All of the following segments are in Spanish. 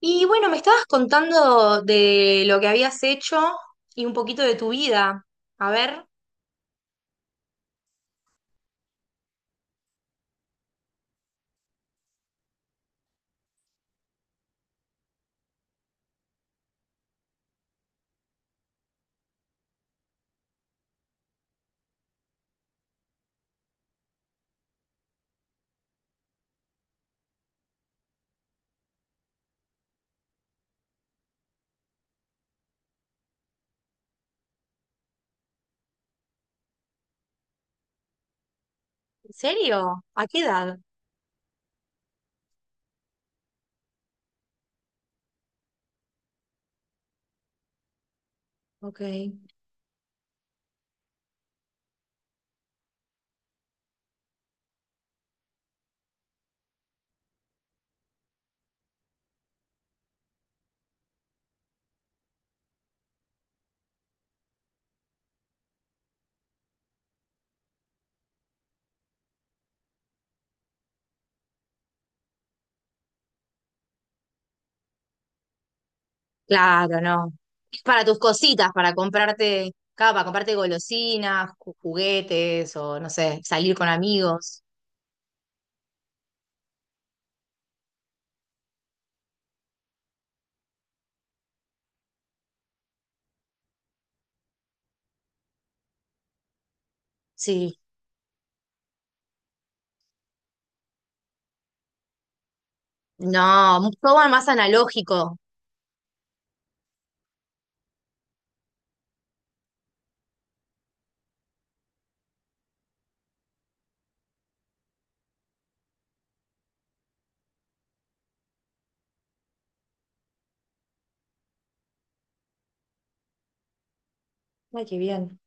Y bueno, me estabas contando de lo que habías hecho y un poquito de tu vida. A ver, ¿en serio? ¿A qué edad? Ok. Claro, no. Es para tus cositas, para comprarte, claro, para comprarte golosinas, juguetes o no sé, salir con amigos. Sí. No, todo más analógico. Ay, qué bien.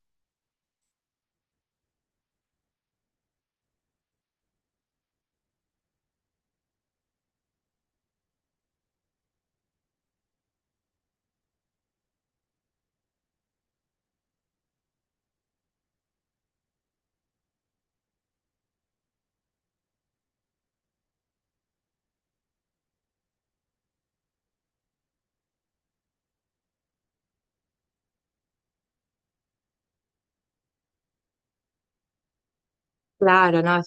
Claro, no.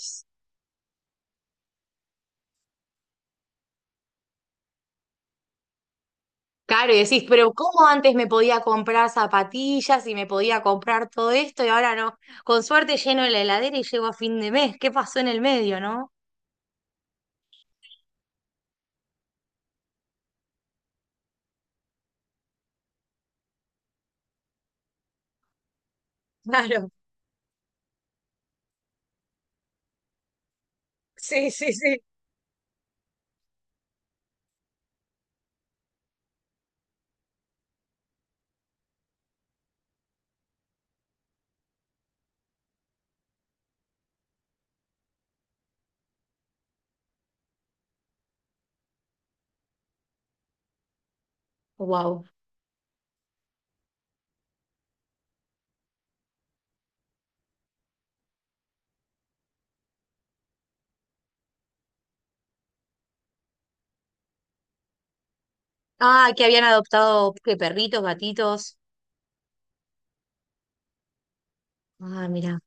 Claro, y decís, pero ¿cómo antes me podía comprar zapatillas y me podía comprar todo esto y ahora no? Con suerte lleno la heladera y llego a fin de mes. ¿Qué pasó en el medio, no? Claro, sí, sí, sí. Wow. Ah, que habían adoptado ¿qué, perritos, gatitos. Ah, mira.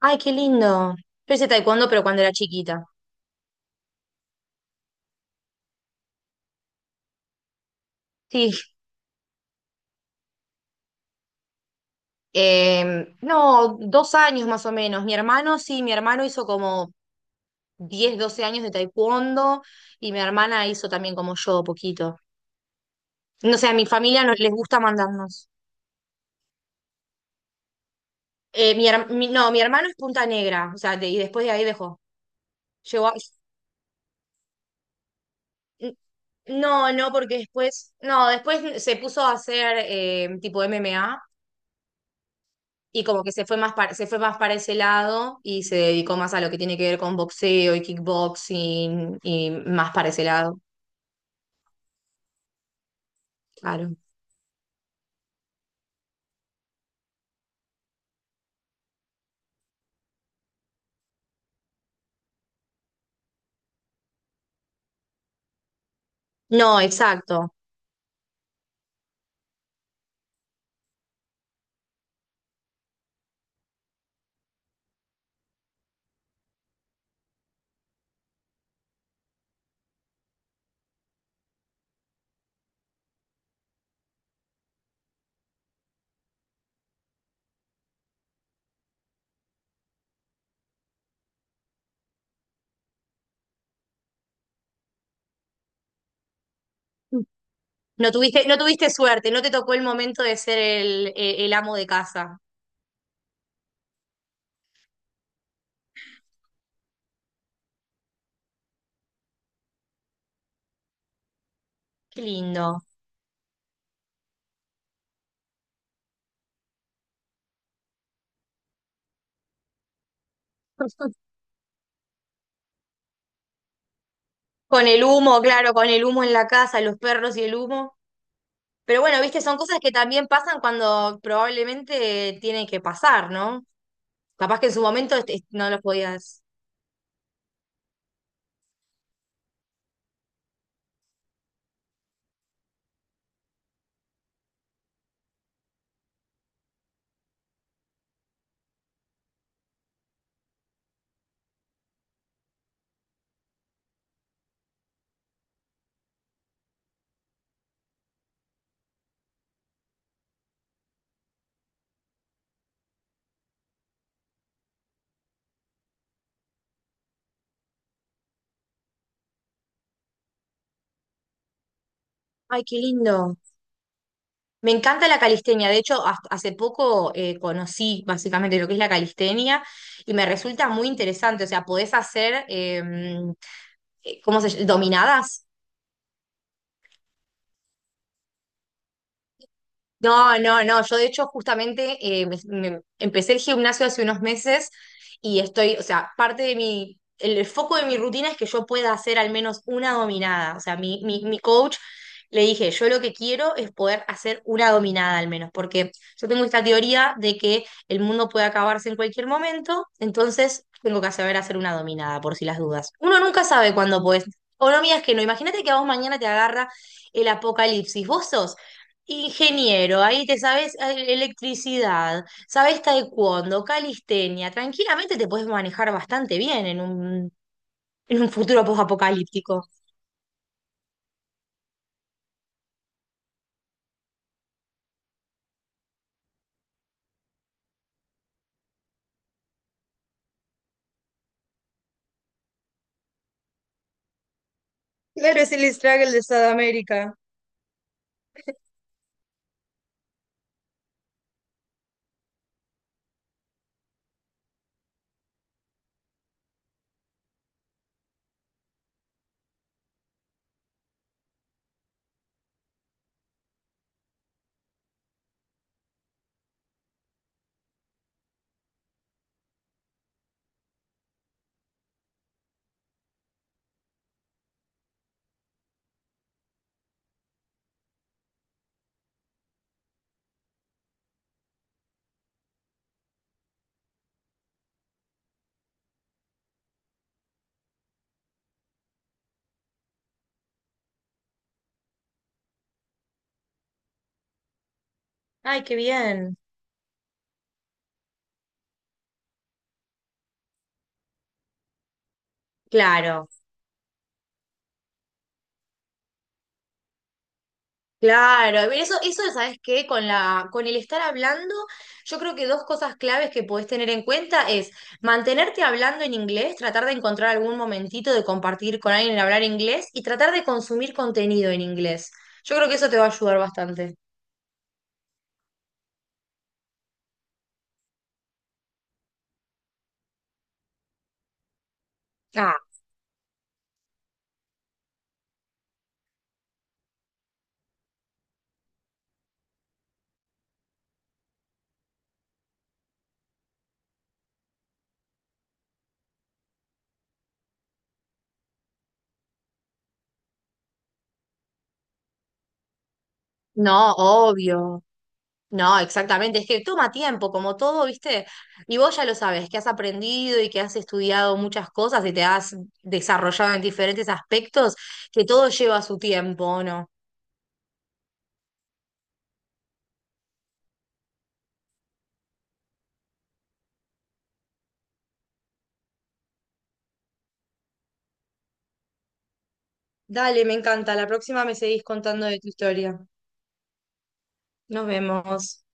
Ay, qué lindo. Yo hice taekwondo, pero cuando era chiquita. Sí. No, dos años más o menos. Mi hermano, sí, mi hermano hizo como 10, 12 años de taekwondo y mi hermana hizo también como yo, poquito. No sé, a mi familia no les gusta mandarnos. No, mi hermano es Punta Negra, y después de ahí dejó. Llegó a... No, no, porque después, no, después se puso a hacer tipo MMA y como que se fue más para, se fue más para ese lado y se dedicó más a lo que tiene que ver con boxeo y kickboxing y más para ese lado, claro. No, exacto. No tuviste, no tuviste suerte, no te tocó el momento de ser el, el amo de casa. Qué lindo. Con el humo, claro, con el humo en la casa, los perros y el humo. Pero bueno, viste, son cosas que también pasan cuando probablemente tienen que pasar, ¿no? Capaz que en su momento este, no los podías. Ay, qué lindo. Me encanta la calistenia. De hecho, hasta... hace poco conocí básicamente lo que es la calistenia y me resulta muy interesante. O sea, podés hacer, ¿cómo se llama? Dominadas. No, no, no. Yo de hecho justamente empecé el gimnasio hace unos meses y estoy, o sea, parte de mi, el foco de mi rutina es que yo pueda hacer al menos una dominada. O sea, mi coach le dije, yo lo que quiero es poder hacer una dominada al menos, porque yo tengo esta teoría de que el mundo puede acabarse en cualquier momento, entonces tengo que saber hacer una dominada por si las dudas. Uno nunca sabe cuándo puedes. O no, mías que no. Imagínate que a vos mañana te agarra el apocalipsis. Vos sos ingeniero, ahí te sabes electricidad, sabes taekwondo, calistenia, tranquilamente te puedes manejar bastante bien en un futuro post-apocalíptico. Claro, es el struggle de Sudamérica. Ay, qué bien. Claro. Claro, pero eso, ¿sabes qué? Con la, con el estar hablando, yo creo que dos cosas claves que podés tener en cuenta es mantenerte hablando en inglés, tratar de encontrar algún momentito de compartir con alguien en hablar inglés y tratar de consumir contenido en inglés. Yo creo que eso te va a ayudar bastante. Ah. No, obvio. No, exactamente. Es que toma tiempo, como todo, ¿viste? Y vos ya lo sabes, que has aprendido y que has estudiado muchas cosas y te has desarrollado en diferentes aspectos, que todo lleva su tiempo, ¿o ¿no? Dale, me encanta. La próxima me seguís contando de tu historia. Nos vemos.